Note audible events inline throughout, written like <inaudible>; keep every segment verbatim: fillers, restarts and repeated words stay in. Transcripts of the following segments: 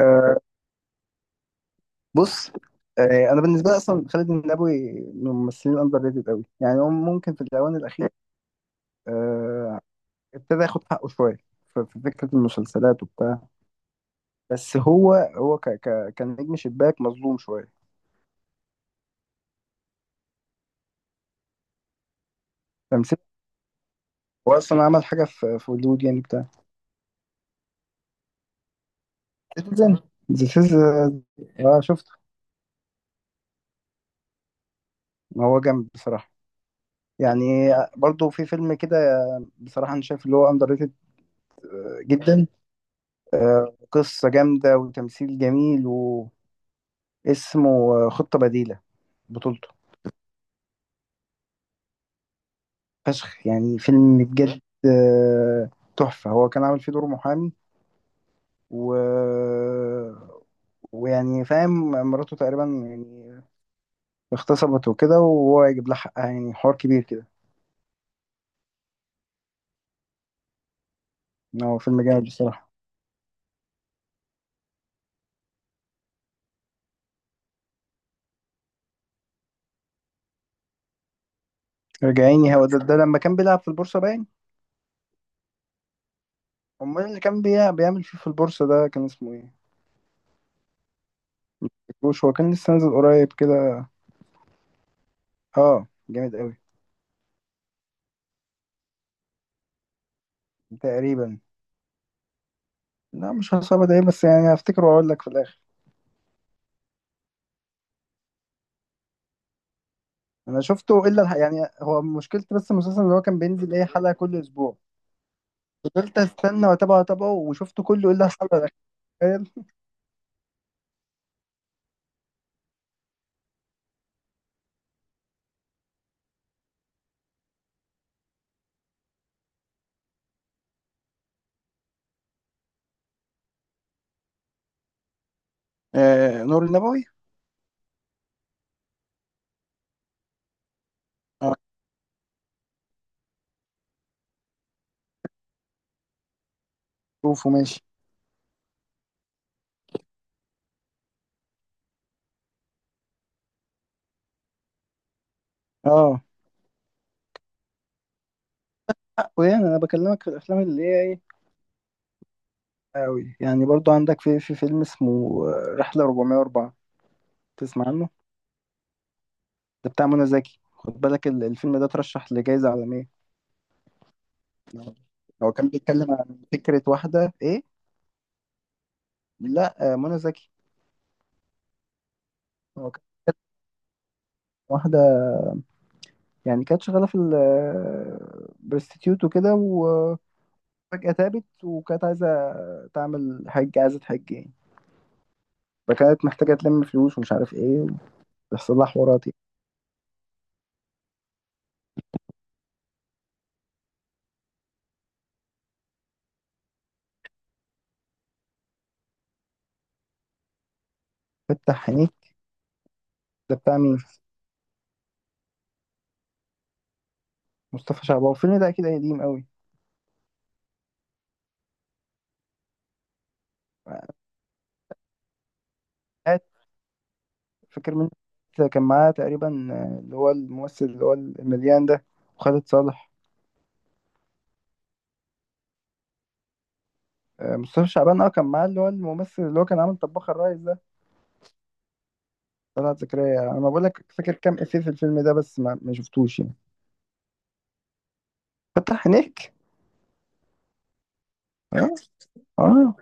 آه، بص آه، انا بالنسبه لي اصلا خالد النبوي من الممثلين الاندر ريتد قوي، يعني هو ممكن في الاوان الاخيره آه، ابتدى ياخد حقه شويه في في فكره المسلسلات وبتاع. بس هو هو ك ك كان نجم شباك مظلوم شويه. تمثيل، هو اصلا عمل حاجه في في هوليوود يعني بتاع. سيتيزن، ذا سيتيزن. اه شفته. هو جامد بصراحه يعني. برضو في فيلم كده، بصراحه انا شايف اللي هو اندر ريتد آه، جدا. قصه جامده وتمثيل جميل، واسمه آه، خطه بديله، بطولته. فشخ يعني، فيلم بجد آه، تحفة. هو كان عامل فيه دور محامي و... ويعني فاهم مراته تقريبا يعني اغتصبت وكده، وهو يجيب لها حقها، يعني حوار كبير كده. هو فيلم جامد بصراحة. رجعيني هو ده، ده لما كان بيلعب في البورصة باين. امال اللي كان بيع- بيعمل فيه في البورصة ده كان اسمه ايه؟ مفتكروش هو كان لسه نازل قريب كده. اه جامد قوي. تقريبا. لا مش هصعب، ده ايه بس؟ يعني هفتكره واقول لك في الاخر. انا شفته الا الح- يعني، هو مشكلتي بس المسلسل ان هو كان بينزل اي حلقه كل اسبوع، فضلت استنى واتابعه واتابعه وشفته كله الا الحلقه الاخيره. تخيل. آه نور النبوي. اه. شوفه ماشي. اه. ويعني انا بكلمك في الافلام اللي هي ايه، قوي يعني. برضو عندك في في فيلم اسمه آه، رحله اربعمية واربعة، تسمع عنه؟ ده بتاع منى زكي، خد بالك ال- الفيلم ده ترشح لجائزه عالميه. هو كان بيتكلم عن فكره واحده ايه. لا آه منى زكي. هو كان واحده يعني كانت شغاله في البرستيتيوت وكده، وفجاه تابت وكانت عايزه تعمل حج، عايزه تحج يعني. فكانت محتاجه تلم فلوس ومش عارف ايه، ويحصل لها حوارات يعني. فتح عينيك. ده بتاع مين؟ مصطفى شعبان، الفيلم ده اكيد قديم قوي. قاعد فاكر مين كان معاه تقريبا؟ اللي هو الممثل اللي هو المليان ده، وخالد صالح. آه، مصطفى شعبان اه كان معاه اللي هو الممثل اللي هو كان عامل طباخ الريس ده. طلعت زكريا، انا بقول لك فاكر كام افيه في الفيلم ده بس ما ما شفتوش يعني. فتح عينيك. اه اه.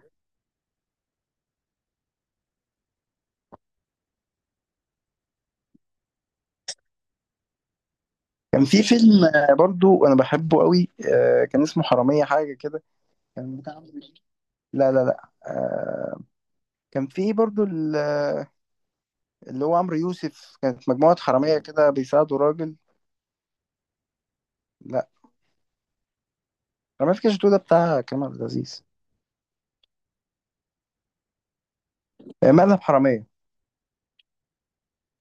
كان في فيلم آه، برضو انا بحبه قوي، آه، كان اسمه حرامية حاجة كده، كان بتاع عمرو يوسف. لا لا لا آه، كان في برضو ال- اللي هو عمرو يوسف كانت مجموعة حرامية كده بيساعدوا راجل. لا، حرامية في كاش ده بتاع كريم عبد العزيز. آه، مقلب حرامية.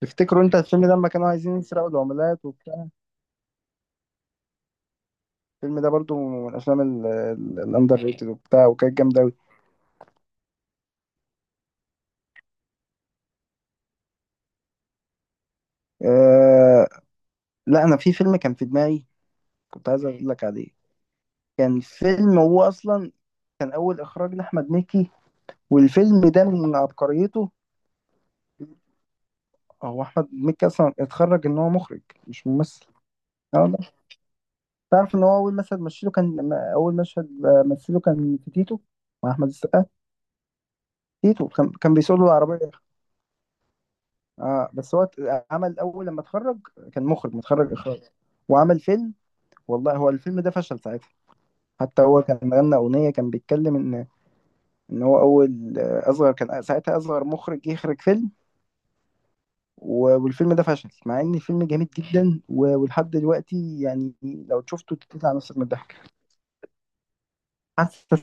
تفتكروا انت الفيلم ده لما كانوا عايزين يسرقوا العملات وبتاع؟ الفيلم ده برضو من الافلام ال- ال- الاندر ريتد وبتاع، وكانت جامدة قوي. آه، لا انا في فيلم كان في دماغي كنت عايز اقول لك عليه. كان فيلم، هو اصلا كان اول اخراج لاحمد مكي، والفيلم ده من عبقريته. هو احمد مكي اصلا اتخرج ان هو مخرج، مش ممثل. اه والله. تعرف ان هو اول مشهد مثله كان ما- اول مشهد آه، مثله كان في تيتو مع احمد السقا. تيتو، كان كان بيسوق له العربيه. اه بس هو ت- عمل اول لما اتخرج كان مخرج متخرج اخراج، وعمل فيلم. والله هو الفيلم ده فشل ساعتها. حتى هو كان غنى اغنيه كان بيتكلم ان ان هو اول آه، اصغر كان ساعتها اصغر مخرج يخرج فيلم. و- والفيلم ده فشل مع ان الفيلم جامد جدا، و- ولحد دلوقتي يعني لو شفته تطلع نفسك من الضحك. حاسة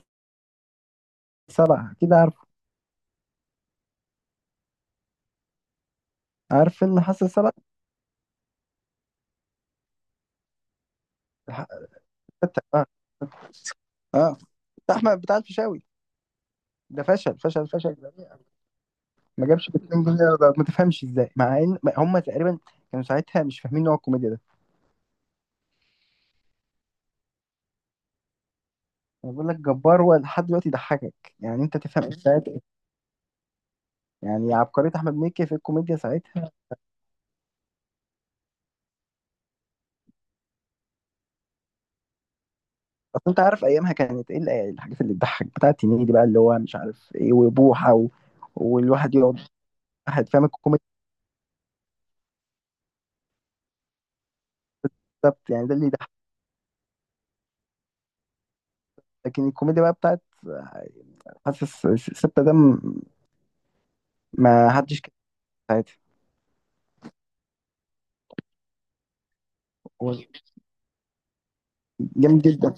سبعة، كده عارف؟ عارف فيلم حاسة سبعة؟ الح- حتى- اه اه. بتاع احمد بتاع الفيشاوي، ده فشل فشل فشل ذريع. ما جابش جنيهين. ده ما تفهمش ازاي، مع ان هم تقريبا كانوا ساعتها مش فاهمين نوع الكوميديا ده. انا بقول لك جبار، هو لحد دلوقتي يضحكك يعني، انت تفهم ساعتها يعني عبقرية احمد مكي في الكوميديا ساعتها. اصل انت عارف ايامها كانت ايه ال- الحاجات اللي تضحك بتاعت هنيدي دي بقى اللي هو مش عارف ايه وبوحه و... والواحد يقعد، واحد فاهم الكوميدي بالظبط، يعني ده اللي يضحك. لكن الكوميديا بقى بتاعت حاسس ستة ده م- ما حدش كده في حياتي. هو جامد جدا.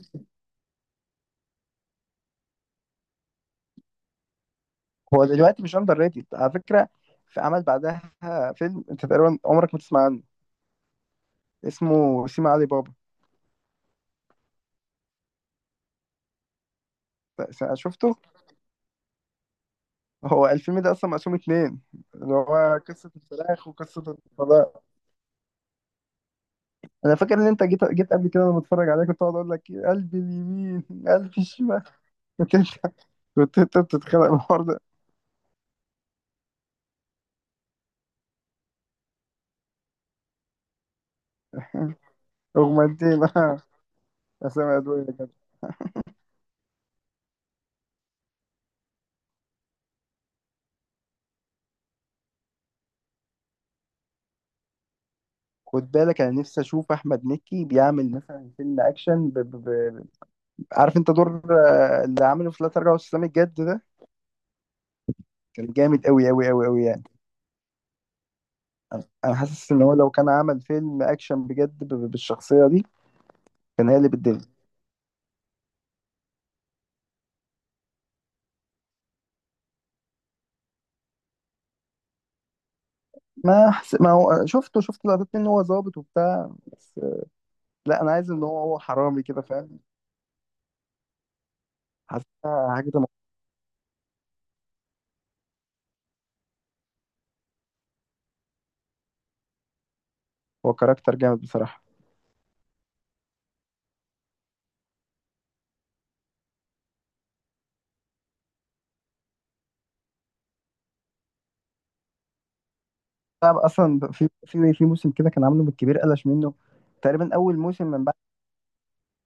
هو دلوقتي مش اندر ريتد على فكره. في عمل بعدها، فيلم انت تقريبا عمرك ما تسمع عنه، اسمه سيما علي بابا. س- شفته؟ هو الفيلم ده اصلا مقسوم اتنين، اللي هو قصه الفراخ وقصه الفراخ. انا فاكر ان انت جيت جيت قبل كده وانا بتفرج عليك، كنت اقعد اقول لك إيه، قلبي اليمين، قلبي الشمال. <laughs> كنت انت كنت انت بتتخانق الحوار ده. اغمانتين آه، اسامي ادويه كده. <laughs> خد بالك انا نفسي اشوف احمد مكي بيعمل مثلا فيلم اكشن ب... ب... ب... عارف انت دور آه، اللي عامله في لا تراجع ولا استسلام الجد ده؟ كان جامد قوي قوي قوي قوي يعني. انا حاسس ان هو لو كان عمل فيلم اكشن بجد ب... ب- بالشخصيه دي كان هيقلب الدنيا. ما حس... ما هو شفته، شفت لقطات منه هو ظابط وبتاع بس. لا انا عايز ان هو هو حرامي كده فاهم. حتى هجد م- هو كاركتر جامد بصراحة. طب أصلا في في في موسم كده كان عامله من الكبير قلش منه، تقريبا أول موسم من بعد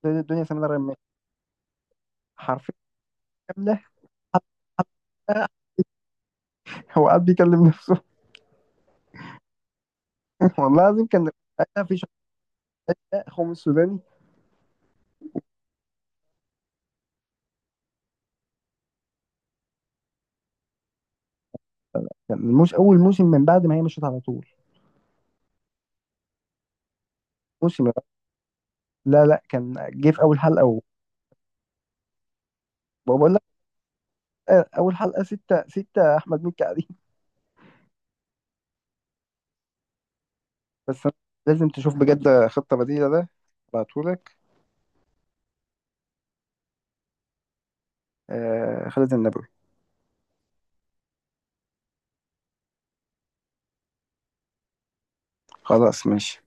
الدنيا سمير غانم. حرفيا كاملة حلقة هو قاعد بيكلم نفسه. <laughs> والله العظيم كان أنا في شخصية خوم السوداني. كان مش أول موسم من بعد ما هي مشيت على طول موسم؟ لا لا كان جه في أول حلقة و- وبقول لك، آه، أول حلقة ستة ستة أحمد مكي قاعدين. <laughs> بس أنا لازم تشوف بجد خطة بديلة ده، بعتهولك. آه خالد النبوي. خلاص ماشي.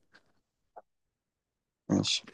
ماشي.